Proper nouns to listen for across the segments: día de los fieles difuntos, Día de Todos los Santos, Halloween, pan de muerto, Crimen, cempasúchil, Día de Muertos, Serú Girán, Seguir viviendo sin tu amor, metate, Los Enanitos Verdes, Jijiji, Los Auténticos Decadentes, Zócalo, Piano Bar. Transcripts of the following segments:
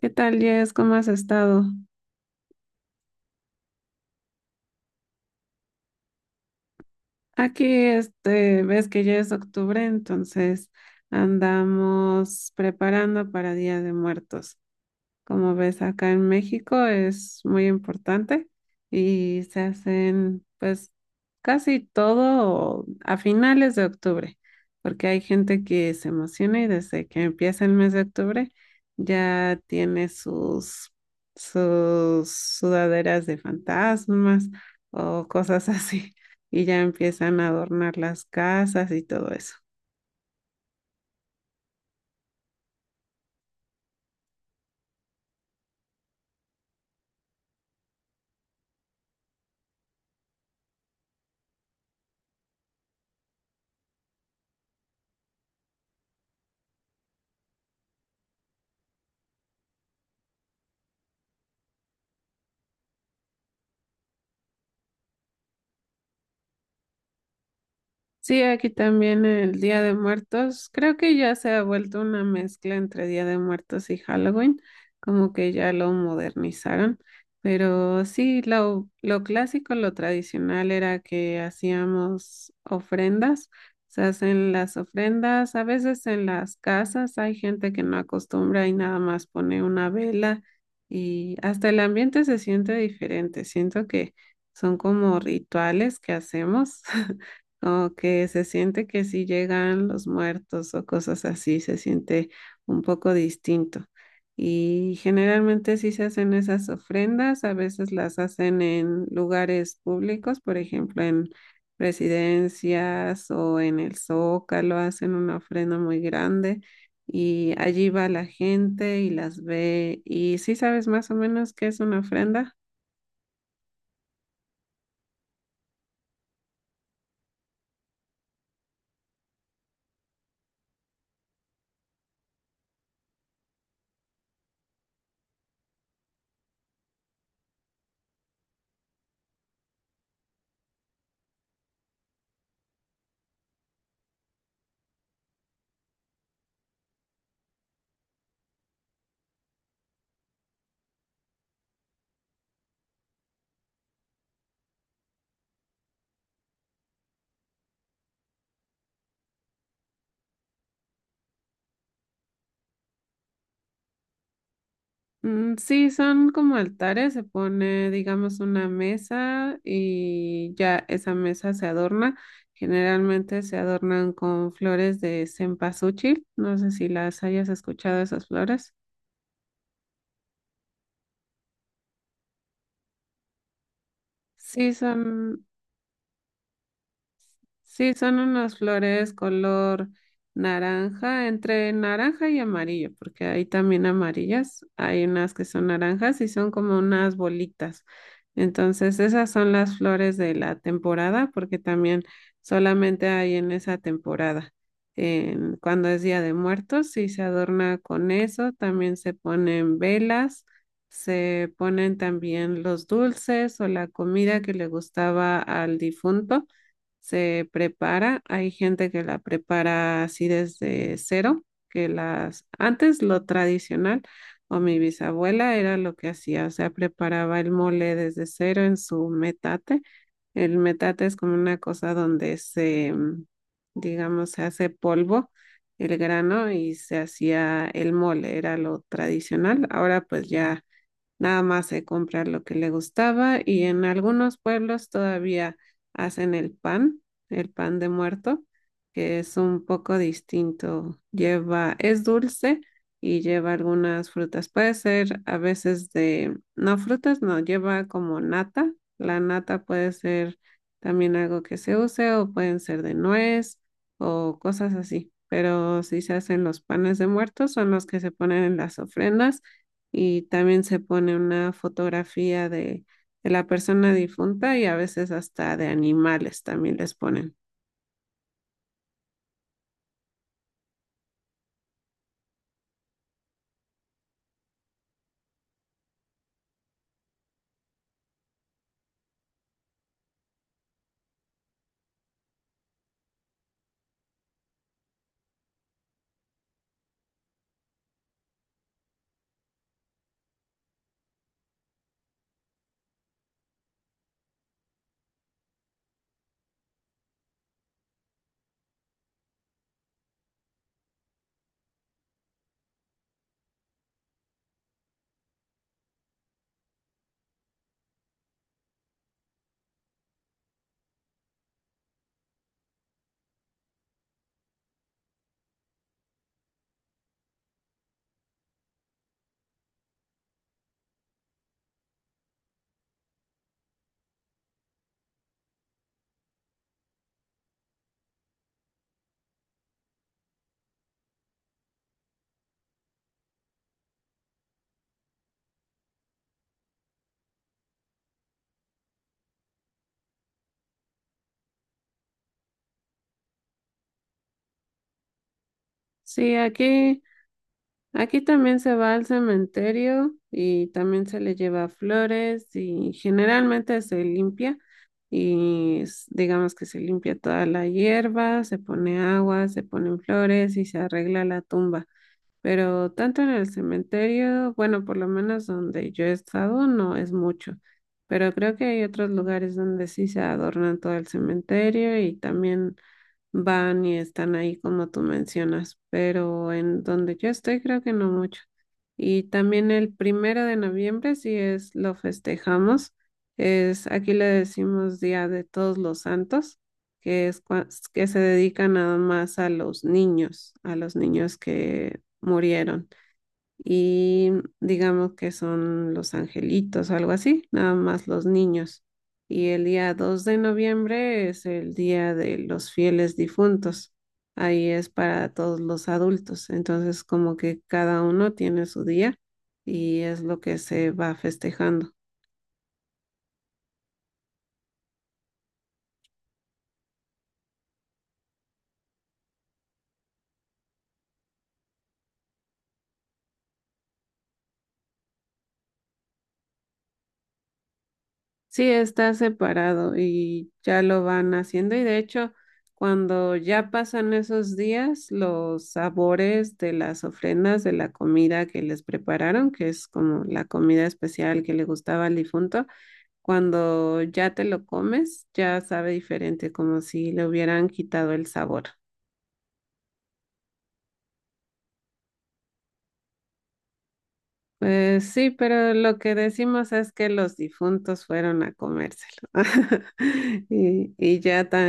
¿Qué tal, Jess? ¿Cómo has estado? Aquí, este, ves que ya es octubre, entonces andamos preparando para Día de Muertos. Como ves, acá en México es muy importante y se hacen pues casi todo a finales de octubre, porque hay gente que se emociona y desde que empieza el mes de octubre ya tiene sus sudaderas de fantasmas o cosas así y ya empiezan a adornar las casas y todo eso. Sí, aquí también el Día de Muertos. Creo que ya se ha vuelto una mezcla entre Día de Muertos y Halloween, como que ya lo modernizaron. Pero sí, lo clásico, lo tradicional era que hacíamos ofrendas. Se hacen las ofrendas, a veces en las casas hay gente que no acostumbra y nada más pone una vela y hasta el ambiente se siente diferente. Siento que son como rituales que hacemos. Como que se siente que si llegan los muertos o cosas así, se siente un poco distinto. Y generalmente sí se hacen esas ofrendas, a veces las hacen en lugares públicos, por ejemplo, en presidencias o en el Zócalo, hacen una ofrenda muy grande y allí va la gente y las ve. ¿Y sí sabes más o menos qué es una ofrenda? Mm, sí, son como altares, se pone, digamos, una mesa y ya esa mesa se adorna. Generalmente se adornan con flores de cempasúchil, no sé si las hayas escuchado esas flores. Sí, son, Sí, son unas flores color naranja, entre naranja y amarillo, porque hay también amarillas, hay unas que son naranjas y son como unas bolitas. Entonces, esas son las flores de la temporada, porque también solamente hay en esa temporada. Cuando es Día de Muertos, sí se adorna con eso, también se ponen velas, se ponen también los dulces o la comida que le gustaba al difunto se prepara. Hay gente que la prepara así desde cero, que las antes lo tradicional o mi bisabuela era lo que hacía, o sea, preparaba el mole desde cero en su metate. El metate es como una cosa donde se, digamos, se hace polvo el grano y se hacía el mole, era lo tradicional. Ahora pues ya nada más se comprar lo que le gustaba y en algunos pueblos todavía hacen el pan de muerto, que es un poco distinto. Lleva, es dulce y lleva algunas frutas. Puede ser a veces de, no frutas, no, lleva como nata. La nata puede ser también algo que se use o pueden ser de nuez o cosas así. Pero si se hacen los panes de muertos son los que se ponen en las ofrendas y también se pone una fotografía de la persona difunta y a veces hasta de animales también les ponen. Sí, aquí también se va al cementerio y también se le lleva flores y generalmente se limpia y digamos que se limpia toda la hierba, se pone agua, se ponen flores y se arregla la tumba. Pero tanto en el cementerio, bueno, por lo menos donde yo he estado, no es mucho. Pero creo que hay otros lugares donde sí se adornan todo el cementerio y también van y están ahí como tú mencionas, pero en donde yo estoy creo que no mucho. Y también el 1 de noviembre, si es lo festejamos, es aquí le decimos Día de Todos los Santos, que es que se dedica nada más a los niños que murieron y digamos que son los angelitos o algo así, nada más los niños. Y el día 2 de noviembre es el día de los fieles difuntos. Ahí es para todos los adultos. Entonces, como que cada uno tiene su día y es lo que se va festejando. Sí, está separado y ya lo van haciendo y de hecho cuando ya pasan esos días, los sabores de las ofrendas de la comida que les prepararon, que es como la comida especial que le gustaba al difunto, cuando ya te lo comes, ya sabe diferente, como si le hubieran quitado el sabor. Pues sí, pero lo que decimos es que los difuntos fueron a comérselo. Y, y ya ta-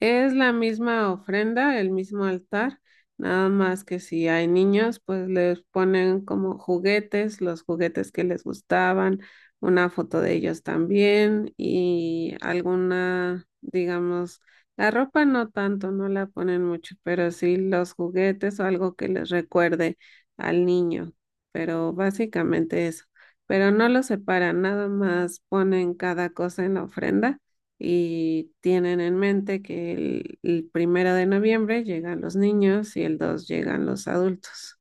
Es la misma ofrenda, el mismo altar, nada más que si hay niños, pues les ponen como juguetes, los juguetes que les gustaban, una foto de ellos también y alguna, digamos, la ropa no tanto, no la ponen mucho, pero sí los juguetes o algo que les recuerde al niño, pero básicamente eso. Pero no lo separan, nada más ponen cada cosa en la ofrenda y tienen en mente que el primero de noviembre llegan los niños y el 2 llegan los adultos.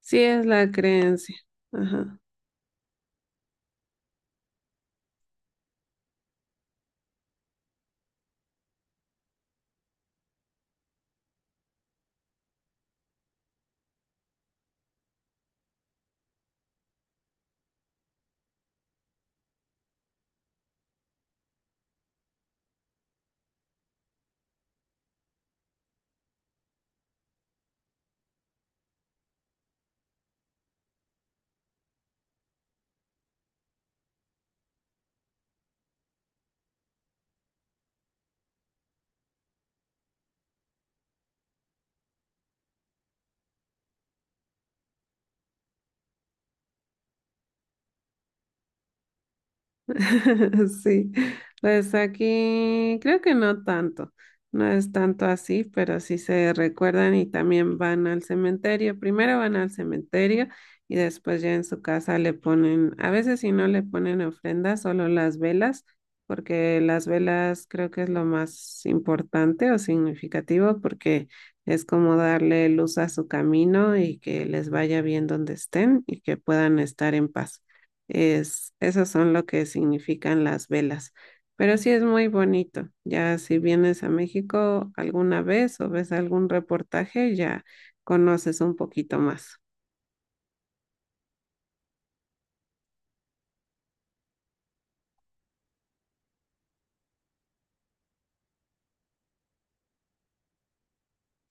Sí es la creencia. Ajá. Sí, pues aquí creo que no tanto, no es tanto así, pero sí se recuerdan y también van al cementerio. Primero van al cementerio y después ya en su casa le ponen, a veces si no le ponen ofrendas, solo las velas, porque las velas creo que es lo más importante o significativo, porque es como darle luz a su camino y que les vaya bien donde estén y que puedan estar en paz. Es, esos son lo que significan las velas. Pero sí es muy bonito. Ya si vienes a México alguna vez o ves algún reportaje, ya conoces un poquito más.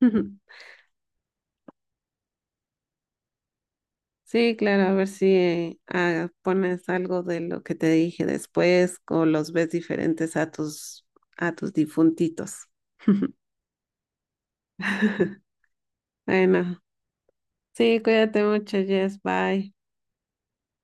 Sí, claro, a ver si pones algo de lo que te dije después o los ves diferentes a tus difuntitos. Bueno, sí, cuídate mucho, Jess. Bye.